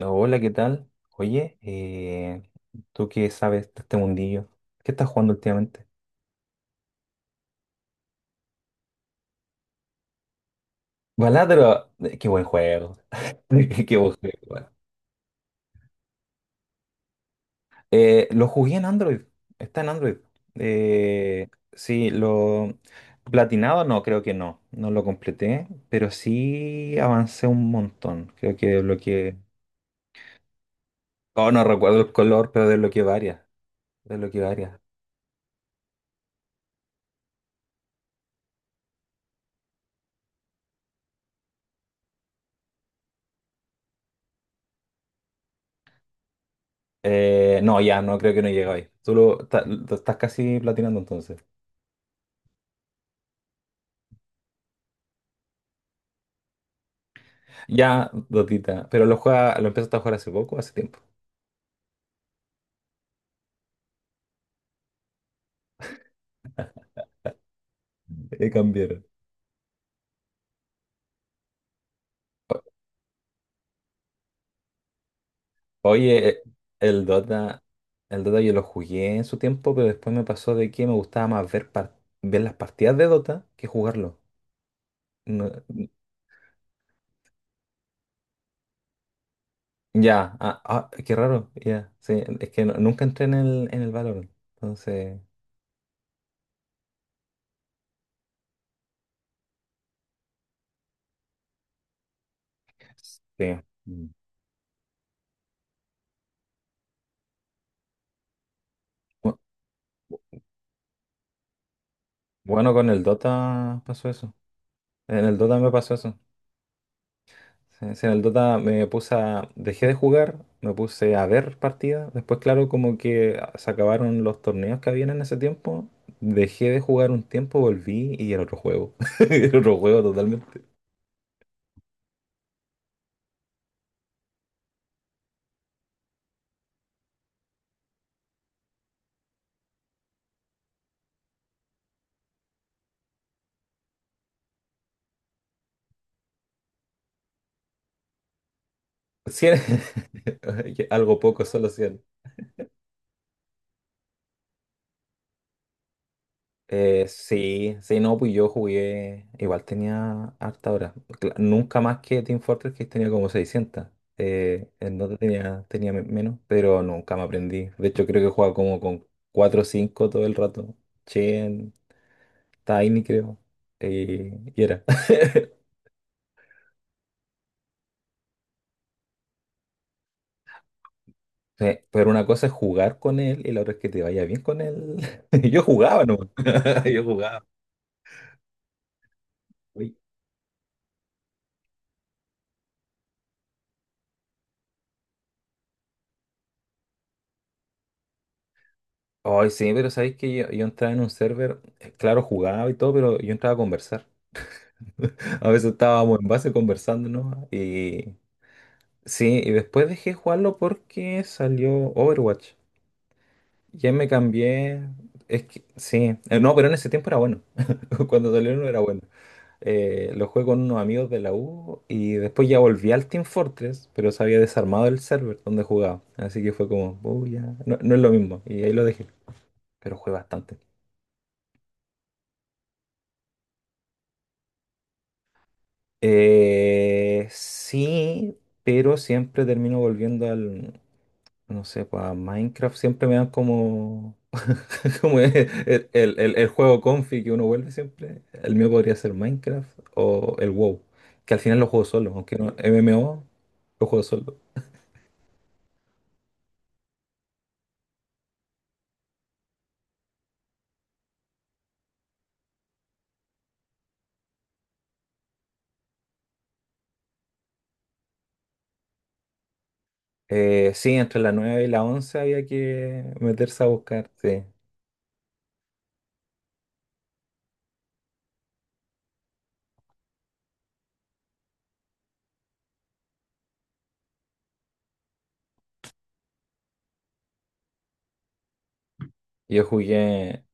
Hola, ¿qué tal? Oye, ¿tú qué sabes de este mundillo? ¿Qué estás jugando últimamente? Baladro, qué buen juego. Qué buen juego. Lo jugué en Android. Está en Android. Sí, lo platinado no, creo que no. No lo completé, pero sí avancé un montón. Creo que desbloqueé. Oh, no recuerdo el color, pero desbloqueé varias. Desbloqueé varias. No, ya, no creo que no llega ahí. Tú lo estás casi platinando entonces. Ya, Dotita, pero lo empezaste a jugar hace poco, hace tiempo. Cambiaron. O- Oye, el Dota, el Dota yo lo jugué en su tiempo, pero después me pasó de que me gustaba más ver, ver las partidas de Dota que jugarlo. No- ya, ah, ah, qué raro, ya, sí, es que nunca entré en el Valorant, entonces, sí. Mm. Bu- Bueno, con el Dota pasó eso, en el Dota me pasó eso. Sí, sí, en el Dota me puse a, dejé de jugar, me puse a ver partidas. Después, claro, como que se acabaron los torneos que habían en ese tiempo. Dejé de jugar un tiempo, volví y era otro juego. Era otro juego totalmente. Cien- Algo poco, solo 100. Sí, sí, no, pues yo jugué, igual tenía harta hora. Nunca más que Team Fortress, que tenía como 600. En Dota tenía menos, pero nunca me aprendí. De hecho, creo que jugaba como con 4 o 5 todo el rato. Chen, Tiny, creo. Y era. Pero una cosa es jugar con él y la otra es que te vaya bien con él. Yo jugaba, ¿no? Yo jugaba. Uy. Ay, sí, pero sabéis que yo entraba en un server, claro, jugaba y todo, pero yo entraba a conversar. A veces estábamos en base conversando, ¿no? Y sí, y después dejé jugarlo porque salió Overwatch. Ya me cambié. Es que sí, no, pero en ese tiempo era bueno. Cuando salió no era bueno. Lo jugué con unos amigos de la U y después ya volví al Team Fortress, pero se había desarmado el server donde jugaba. Así que fue como, "Oh, ya, no, no es lo mismo. Y ahí lo dejé, pero jugué bastante. Sí, pero siempre termino volviendo al, no sé, pues a Minecraft siempre me dan como, como el juego confi que uno vuelve siempre. El mío podría ser Minecraft o el WoW, que al final lo juego solo, aunque no MMO, lo juego solo. Sí, entre la 9 y la 11 había que meterse a buscar, sí. Yo jugué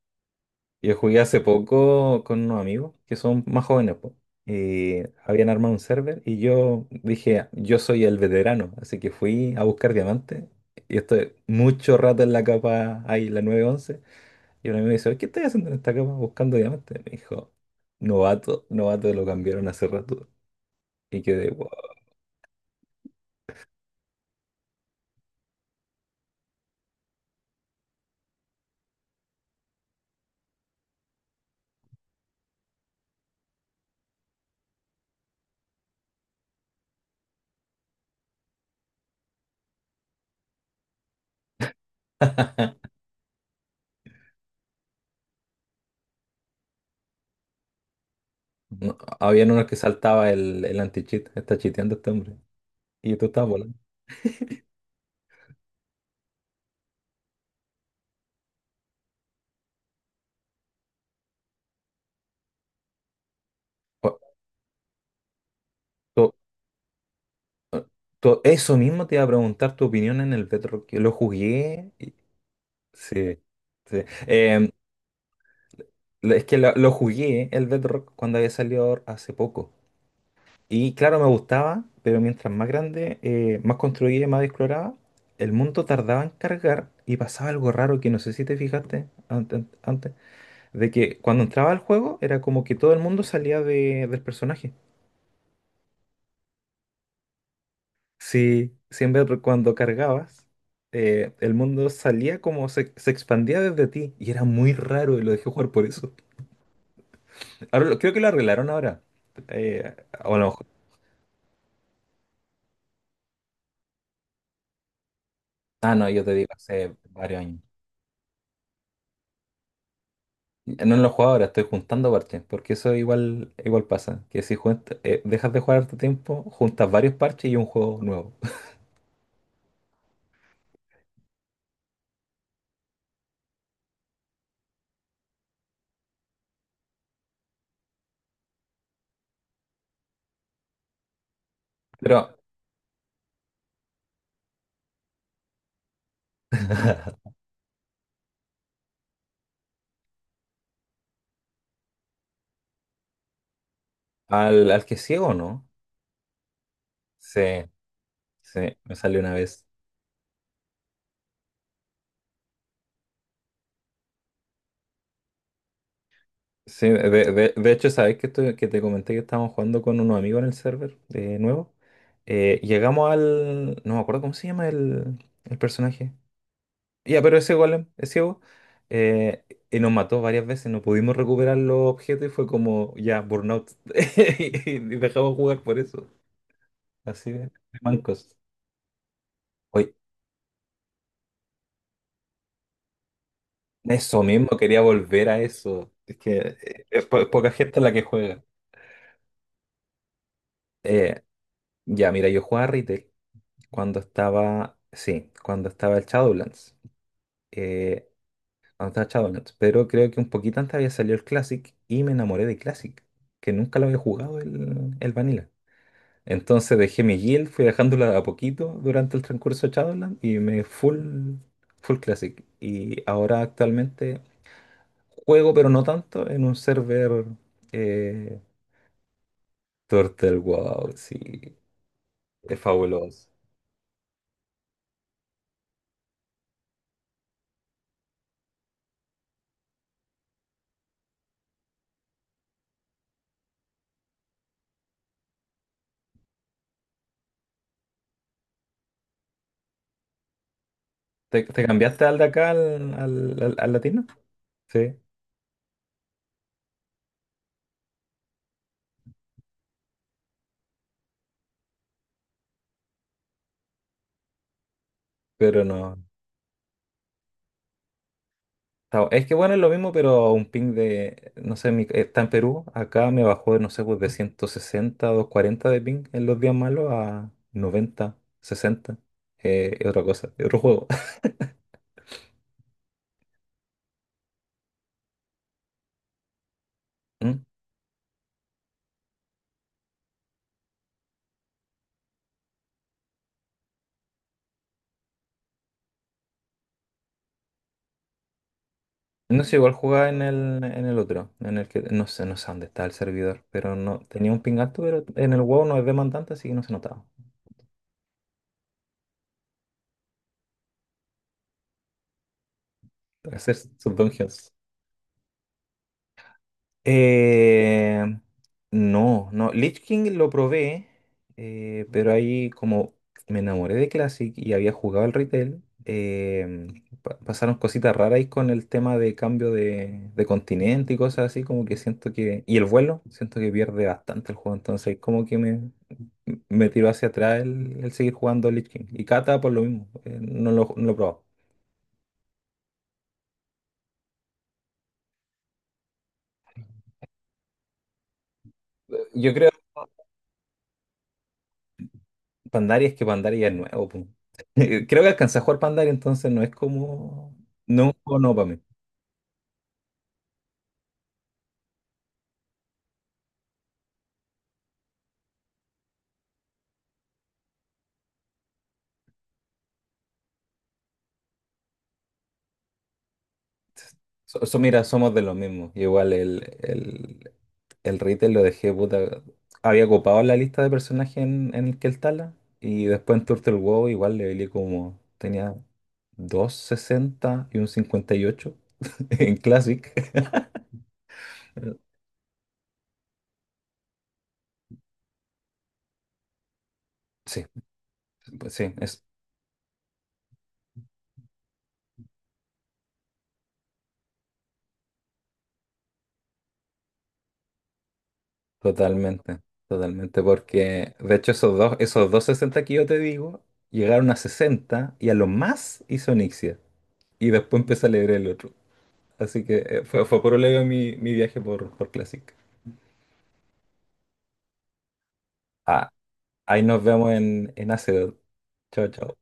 Yo jugué hace poco con unos amigos que son más jóvenes, po, y habían armado un server y yo dije, yo soy el veterano, así que fui a buscar diamantes y estoy mucho rato en la capa ahí, la nueve once y un amigo me dice, ¿qué estás haciendo en esta capa buscando diamantes? Me dijo, novato, novato, lo cambiaron hace rato y quedé, wow. No, habían unos que saltaba el anti-cheat, está chiteando este hombre, y tú estabas volando. Eso mismo te iba a preguntar tu opinión en el Bedrock. Yo lo jugué. Sí, sí. Es que lo jugué el Bedrock cuando había salido hace poco. Y claro, me gustaba, pero mientras más grande, más construía y más exploraba, el mundo tardaba en cargar y pasaba algo raro que no sé si te fijaste antes, de que cuando entraba al juego era como que todo el mundo salía del personaje. Sí, siempre cuando cargabas, el mundo salía como se expandía desde ti y era muy raro y lo dejé jugar por eso. Ahora creo que lo arreglaron ahora. Eh, o no. Ah, no, yo te digo, hace varios años. No lo juego ahora, estoy juntando parches, porque eso igual pasa, que si dejas de jugar harto tiempo, juntas varios parches y un juego nuevo. Pero al que ciego, ¿no? Sí, sí, me salió una vez. Sí, de hecho, sabes que, que te comenté que estábamos jugando con unos amigos en el server de nuevo. Llegamos al. No me acuerdo cómo se llama el personaje. Ya, pero ese golem es ciego. eh, y nos mató varias veces. No pudimos recuperar los objetos y fue como ya, burnout. Y dejamos jugar por eso. Así de mancos. Oye, eso mismo, quería volver a eso. Es que es poca gente la que juega. Eh, ya, mira, yo jugaba retail. Cuando estaba, sí, cuando estaba el Shadowlands. eh, Cuando estaba Shadowlands. Pero creo que un poquito antes había salido el Classic y me enamoré de Classic, que nunca lo había jugado el Vanilla. Entonces dejé mi guild, fui dejándola de a poquito durante el transcurso de Shadowlands y me full Classic. Y ahora actualmente juego, pero no tanto, en un server eh, Turtle Wow, sí, es fabuloso. ¿Te cambiaste al de acá al latino? Sí. Pero no. Es que bueno, es lo mismo, pero a un ping de, no sé, está en Perú, acá me bajó, no sé, pues de 160 a 240 de ping en los días malos a 90 60. Es otra cosa, es otro juego. ¿Mm? No sé, igual jugaba en el otro, en el que no sé dónde está el servidor, pero no tenía un ping alto, pero en el WoW no es demandante, así que no se notaba. Hacer sus dungeons. Eh, no, no. Lich King lo probé, pero ahí como me enamoré de Classic y había jugado al retail, pasaron cositas raras ahí con el tema de cambio de continente y cosas así, como que siento que... Y el vuelo, siento que pierde bastante el juego, entonces como que me tiró hacia atrás el seguir jugando Lich King. Y Kata por lo mismo, no lo he probado. Yo creo Pandaria Es que Pandaria es nuevo, po. Creo que alcancé a jugar Pandaria, entonces no es como. No es un juego nuevo para mí. Mira, somos de los mismos. Igual el Retail lo dejé, puta. Había ocupado la lista de personajes en el Keltala. Y después en Turtle WoW igual le levelé como. Tenía 260 y un 58 en Classic. Sí, pues sí, totalmente, totalmente, porque de hecho esos dos 60 que yo te digo, llegaron a 60 y a lo más hizo Nixia. Y después empecé a leer el otro. Así que fue por leve mi viaje por Classic. Ah, ahí nos vemos en Hacedor. Chao, chao.